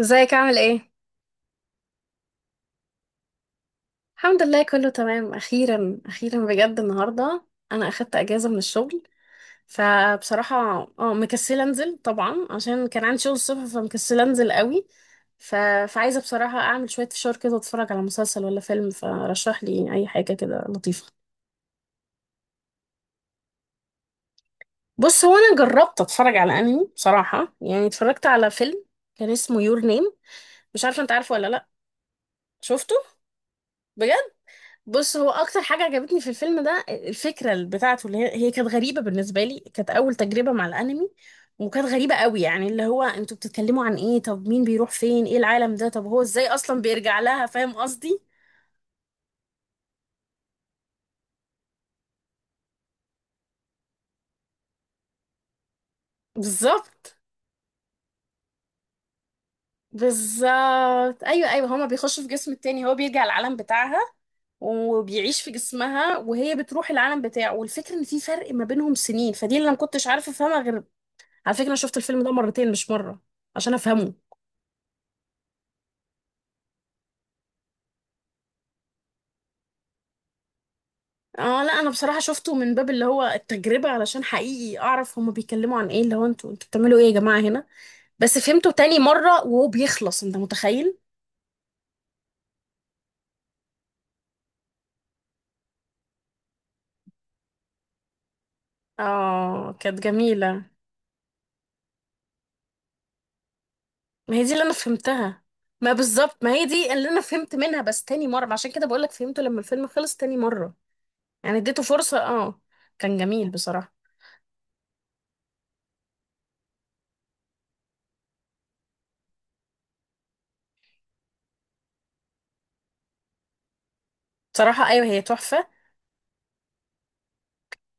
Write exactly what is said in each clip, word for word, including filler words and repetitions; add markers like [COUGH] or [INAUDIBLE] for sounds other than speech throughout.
ازيك عامل ايه؟ الحمد لله كله تمام، اخيرا اخيرا بجد النهارده انا اخدت اجازه من الشغل. فبصراحه اه مكسله انزل طبعا عشان كان عندي شغل الصبح، فمكسله انزل قوي. ف... فعايزه بصراحه اعمل شويه فشار كده واتفرج على مسلسل ولا فيلم، فرشح لي اي حاجه كده لطيفه. بص، هو انا جربت اتفرج على انمي بصراحه، يعني اتفرجت على فيلم كان اسمه يور نيم، مش عارفه انت عارفه ولا لا. شفته؟ بجد. بص، هو اكتر حاجه عجبتني في الفيلم ده الفكره اللي بتاعته، اللي هي هي كانت غريبه بالنسبه لي، كانت اول تجربه مع الانمي. وكانت غريبه قوي، يعني اللي هو انتوا بتتكلموا عن ايه؟ طب مين بيروح فين؟ ايه العالم ده؟ طب هو ازاي اصلا بيرجع لها؟ فاهم قصدي؟ بالظبط. بالظبط، ايوه ايوه، هما بيخشوا في جسم التاني، هو بيرجع العالم بتاعها وبيعيش في جسمها، وهي بتروح العالم بتاعه. والفكره ان في فرق ما بينهم سنين، فدي اللي انا ما كنتش عارفه افهمها. غير على فكره انا شفت الفيلم ده مرتين مش مره عشان افهمه. اه، لا انا بصراحة شفته من باب اللي هو التجربة، علشان حقيقي اعرف هما بيتكلموا عن ايه، اللي هو انتوا انتوا بتعملوا ايه يا جماعة هنا؟ بس فهمته تاني مرة وهو بيخلص، انت متخيل؟ اه كانت جميلة. ما هي دي اللي انا فهمتها. ما بالظبط، ما هي دي اللي انا فهمت منها، بس تاني مرة، عشان كده بقولك فهمته لما الفيلم خلص تاني مرة. يعني اديته فرصة، اه. كان جميل بصراحة. بصراحة ايوه، هي تحفة.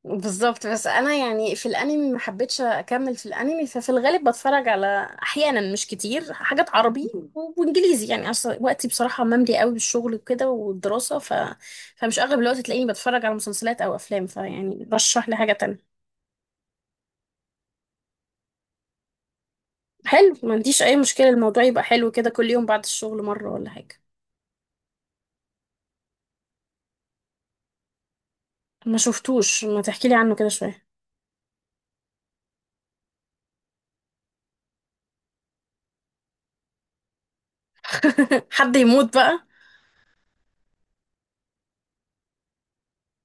بالظبط. بس انا يعني في الانمي ما حبيتش اكمل في الانمي، ففي الغالب بتفرج على احيانا مش كتير حاجات عربي و- وانجليزي، يعني اصلا وقتي بصراحه مملي قوي بالشغل وكده والدراسه. ف... فمش اغلب الوقت تلاقيني بتفرج على مسلسلات او افلام، فيعني رشح لي حاجه تانية. حلو، ما عنديش اي مشكله، الموضوع يبقى حلو كده كل يوم بعد الشغل مره ولا حاجه. ما شفتوش، ما تحكي لي عنه كده شويه. [LAUGHS] حد يموت بقى؟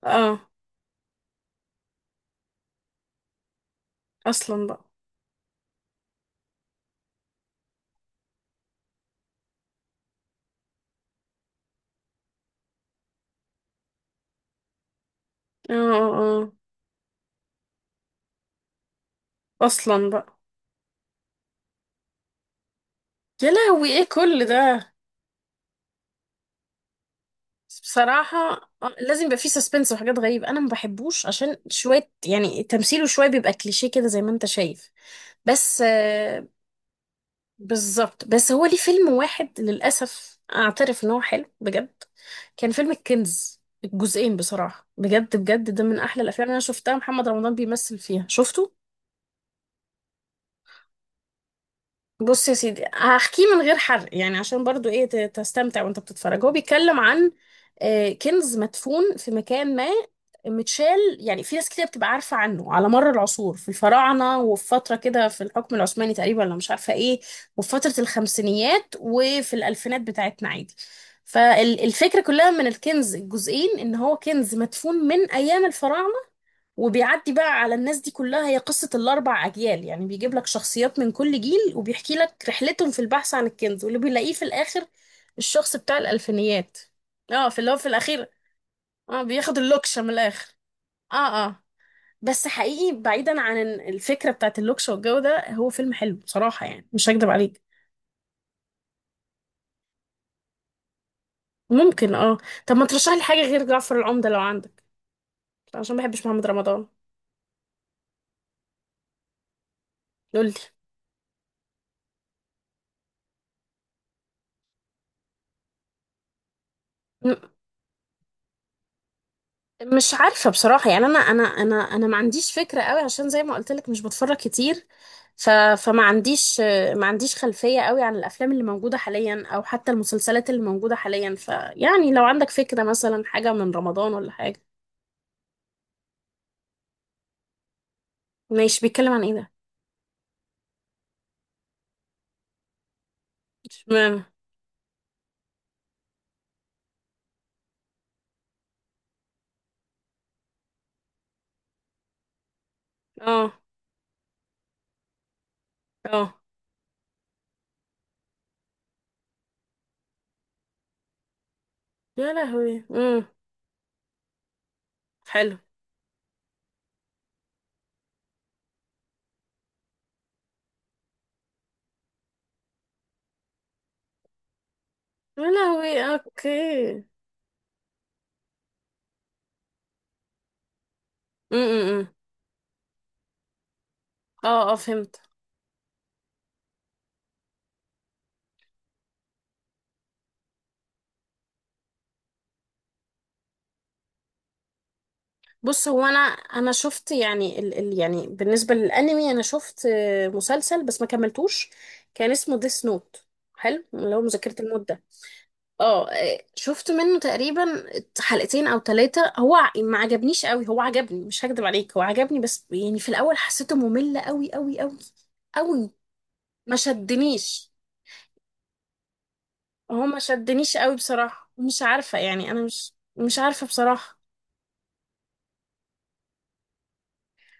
اه، اصلا بقى. اه اه آه. اصلا بقى. يا لهوي ايه كل ده؟ بصراحة آه، لازم يبقى فيه سسبنس وحاجات غريبة، أنا ما بحبوش عشان شوية يعني تمثيله شوية بيبقى كليشيه كده زي ما أنت شايف. بس آه، بالظبط. بس هو ليه فيلم واحد للأسف أعترف إن هو حلو بجد، كان فيلم الكنز الجزئين، بصراحة بجد بجد ده من أحلى الأفلام اللي أنا شفتها محمد رمضان بيمثل فيها. شفته؟ بص يا سيدي هحكيه من غير حرق، يعني عشان برضو ايه ت- تستمتع وانت بتتفرج. هو بيتكلم عن آه، كنز مدفون في مكان ما متشال، يعني في ناس كتير بتبقى عارفة عنه على مر العصور، في الفراعنة وفي فترة كده في الحكم العثماني تقريبا ولا مش عارفة ايه، وفي فترة الخمسينيات وفي الألفينات بتاعتنا عادي. فالفكرة كلها من الكنز الجزئين ان هو كنز مدفون من ايام الفراعنة، وبيعدي بقى على الناس دي كلها، هي قصة الأربع أجيال، يعني بيجيب لك شخصيات من كل جيل وبيحكي لك رحلتهم في البحث عن الكنز، واللي بيلاقيه في الآخر الشخص بتاع الألفينيات. اه في اللي هو في الأخير، اه بياخد اللوكشة من الآخر. اه اه. بس حقيقي بعيدا عن ال- الفكرة بتاعت اللوكشة والجو ده، هو فيلم حلو بصراحة، يعني مش هكدب عليك. ممكن اه. طب ما ترشح لي حاجة غير جعفر العمدة لو عندك، عشان ما بحبش محمد رمضان. قولي. مش عارفة بصراحة، يعني أنا أنا أنا أنا ما عنديش فكرة قوي، عشان زي ما قلت لك مش بتفرج كتير. ف، فما عنديش، ما عنديش خلفية قوي عن الأفلام اللي موجودة حاليا أو حتى المسلسلات اللي موجودة حاليا، فيعني لو عندك فكرة مثلا حاجة من رمضان ولا حاجة. ماشي، بيتكلم عن إيه ده؟ اشمعنى؟ اه اه. يا لهوي. امم حلو. يا لهوي، اوكي. امم اه اه فهمت. بص هو انا انا شفت، يعني ال ال يعني بالنسبه للانمي انا شفت آه، مسلسل بس ما كملتوش، كان اسمه ديس نوت، حلو اللي هو مذكره الموت ده. اه آه، شفت منه تقريبا حلقتين او ثلاثه، هو ع- ما عجبنيش قوي، هو عجبني مش هكدب عليك هو عجبني، بس يعني في الاول حسيته ممل قوي قوي قوي قوي. ما شدنيش، هو ما شدنيش قوي بصراحه، مش عارفه يعني انا مش مش عارفه بصراحه.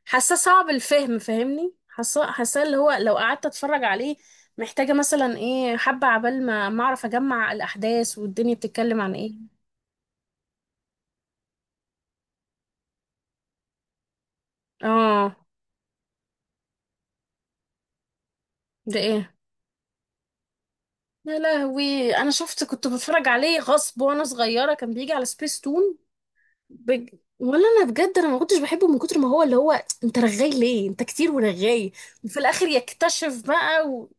حاسه صعب الفهم، فاهمني؟ حاسه حاسه اللي هو لو قعدت اتفرج عليه محتاجه مثلا ايه، حبه عبال ما ما اعرف اجمع الاحداث والدنيا بتتكلم عن ايه. اه، ده ايه؟ يا لهوي، انا شفت كنت بتفرج عليه غصب وانا صغيره كان بيجي على سبيس تون. بج... ولا انا بجد انا ما كنتش بحبه من كتر ما هو اللي هو، انت رغاي ليه؟ انت كتير ورغاي. وفي الاخر يكتشف بقى و...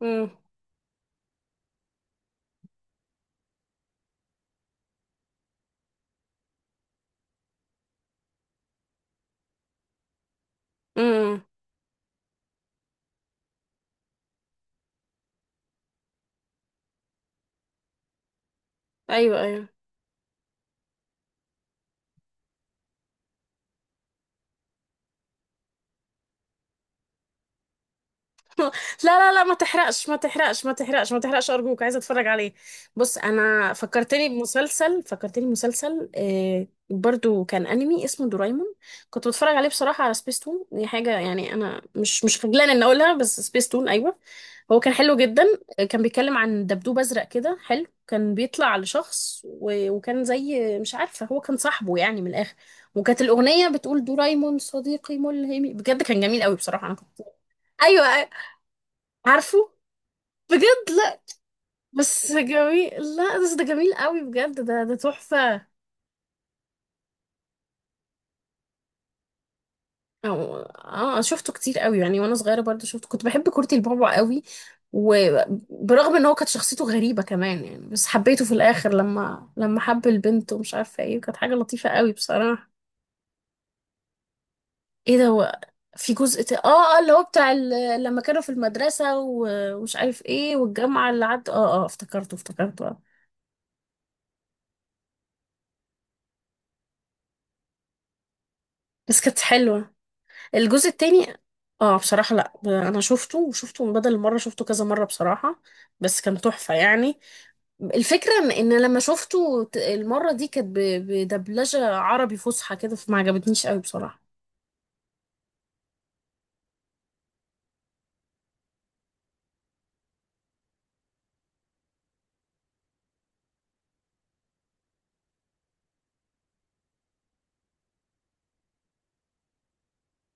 امم امم. ايوه ايوه. لا لا لا ما تحرقش ما تحرقش ما تحرقش ما تحرقش، أرجوك عايزة أتفرج عليه. بص، أنا فكرتني بمسلسل، فكرتني بمسلسل آه برضو كان أنمي اسمه دورايمون، كنت بتفرج عليه بصراحة على سبيستون. دي حاجة يعني أنا مش مش خجلانة إن أقولها، بس سبيستون أيوه. هو كان حلو جدا، آه، كان بيتكلم عن دبدوب أزرق كده حلو، كان بيطلع لشخص و... وكان زي مش عارفة هو كان صاحبه يعني من الآخر. وكانت الأغنية بتقول دورايمون صديقي ملهمي، بجد كان جميل قوي بصراحة أنا كنت. ايوه، عارفه، بجد، لا، بس جميل. لا بس ده جميل قوي بجد، ده ده تحفة. أو... اه شفته كتير قوي يعني وانا صغيرة برضه شفته، كنت بحب كورتي البابا قوي. وبرغم ان هو كانت شخصيته غريبة كمان يعني، بس حبيته في الاخر لما لما حب البنت ومش عارفة ايه، وكانت حاجة لطيفة قوي بصراحة. ايه ده؟ هو في جزء ت... اه، اه اللي هو بتاع ال... لما كانوا في المدرسة و- ومش عارف ايه والجامعة اللي عد، اه اه، افتكرته افتكرته آه. بس كانت حلوة، الجزء التاني. اه بصراحة لا انا شفته وشفته من بدل المرة شفته كذا مرة بصراحة، بس كان تحفة يعني. الفكرة ان إن لما شفته ت- المرة دي كانت ب- بدبلجة عربي فصحى كده فما عجبتنيش قوي بصراحة.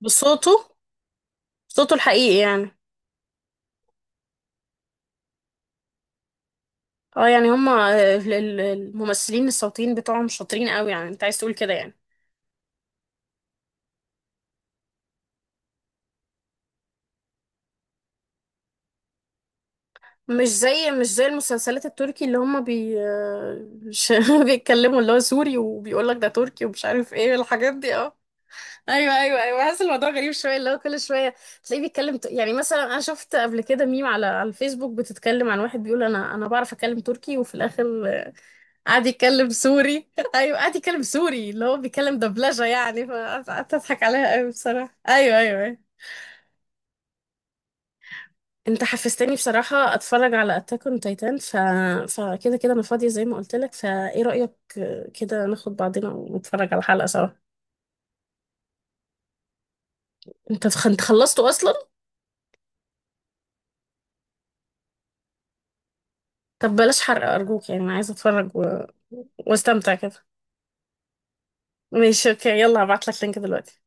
بصوته، صوته الحقيقي يعني؟ اه يعني هما ال- ال- الممثلين الصوتيين بتوعهم شاطرين قوي، يعني انت عايز تقول كده يعني؟ مش زي مش زي المسلسلات التركي اللي هما بي مش- [LAUGHS] بيتكلموا اللي هو سوري وبيقول لك ده تركي ومش عارف ايه الحاجات دي، اه. ايوه ايوه ايوه، بحس الموضوع غريب شويه، اللي هو كل شويه تلاقيه بيتكلم ت- يعني مثلا انا شفت قبل كده ميم على على الفيسبوك بتتكلم عن واحد بيقول انا انا بعرف اتكلم تركي، وفي الاخر آه، قعد يتكلم سوري، [LAUGHS] ايوه قعد يتكلم سوري اللي هو بيتكلم دبلجه يعني. فقعدت اضحك عليها قوي بصراحه، ايوه ايوه ايوه. انت حفزتني بصراحه اتفرج على اتاك اون تايتان، ف، فكده كده انا فاضيه زي ما قلت لك، فايه رايك آه، كده ناخد بعضنا ونتفرج على حلقه سوا؟ انت خ- انت خلصته اصلا؟ طب بلاش حرق أرجوك، يعني أنا عايزة أتفرج و... واستمتع كده. ماشي أوكي، يلا هبعتلك لينك دلوقتي.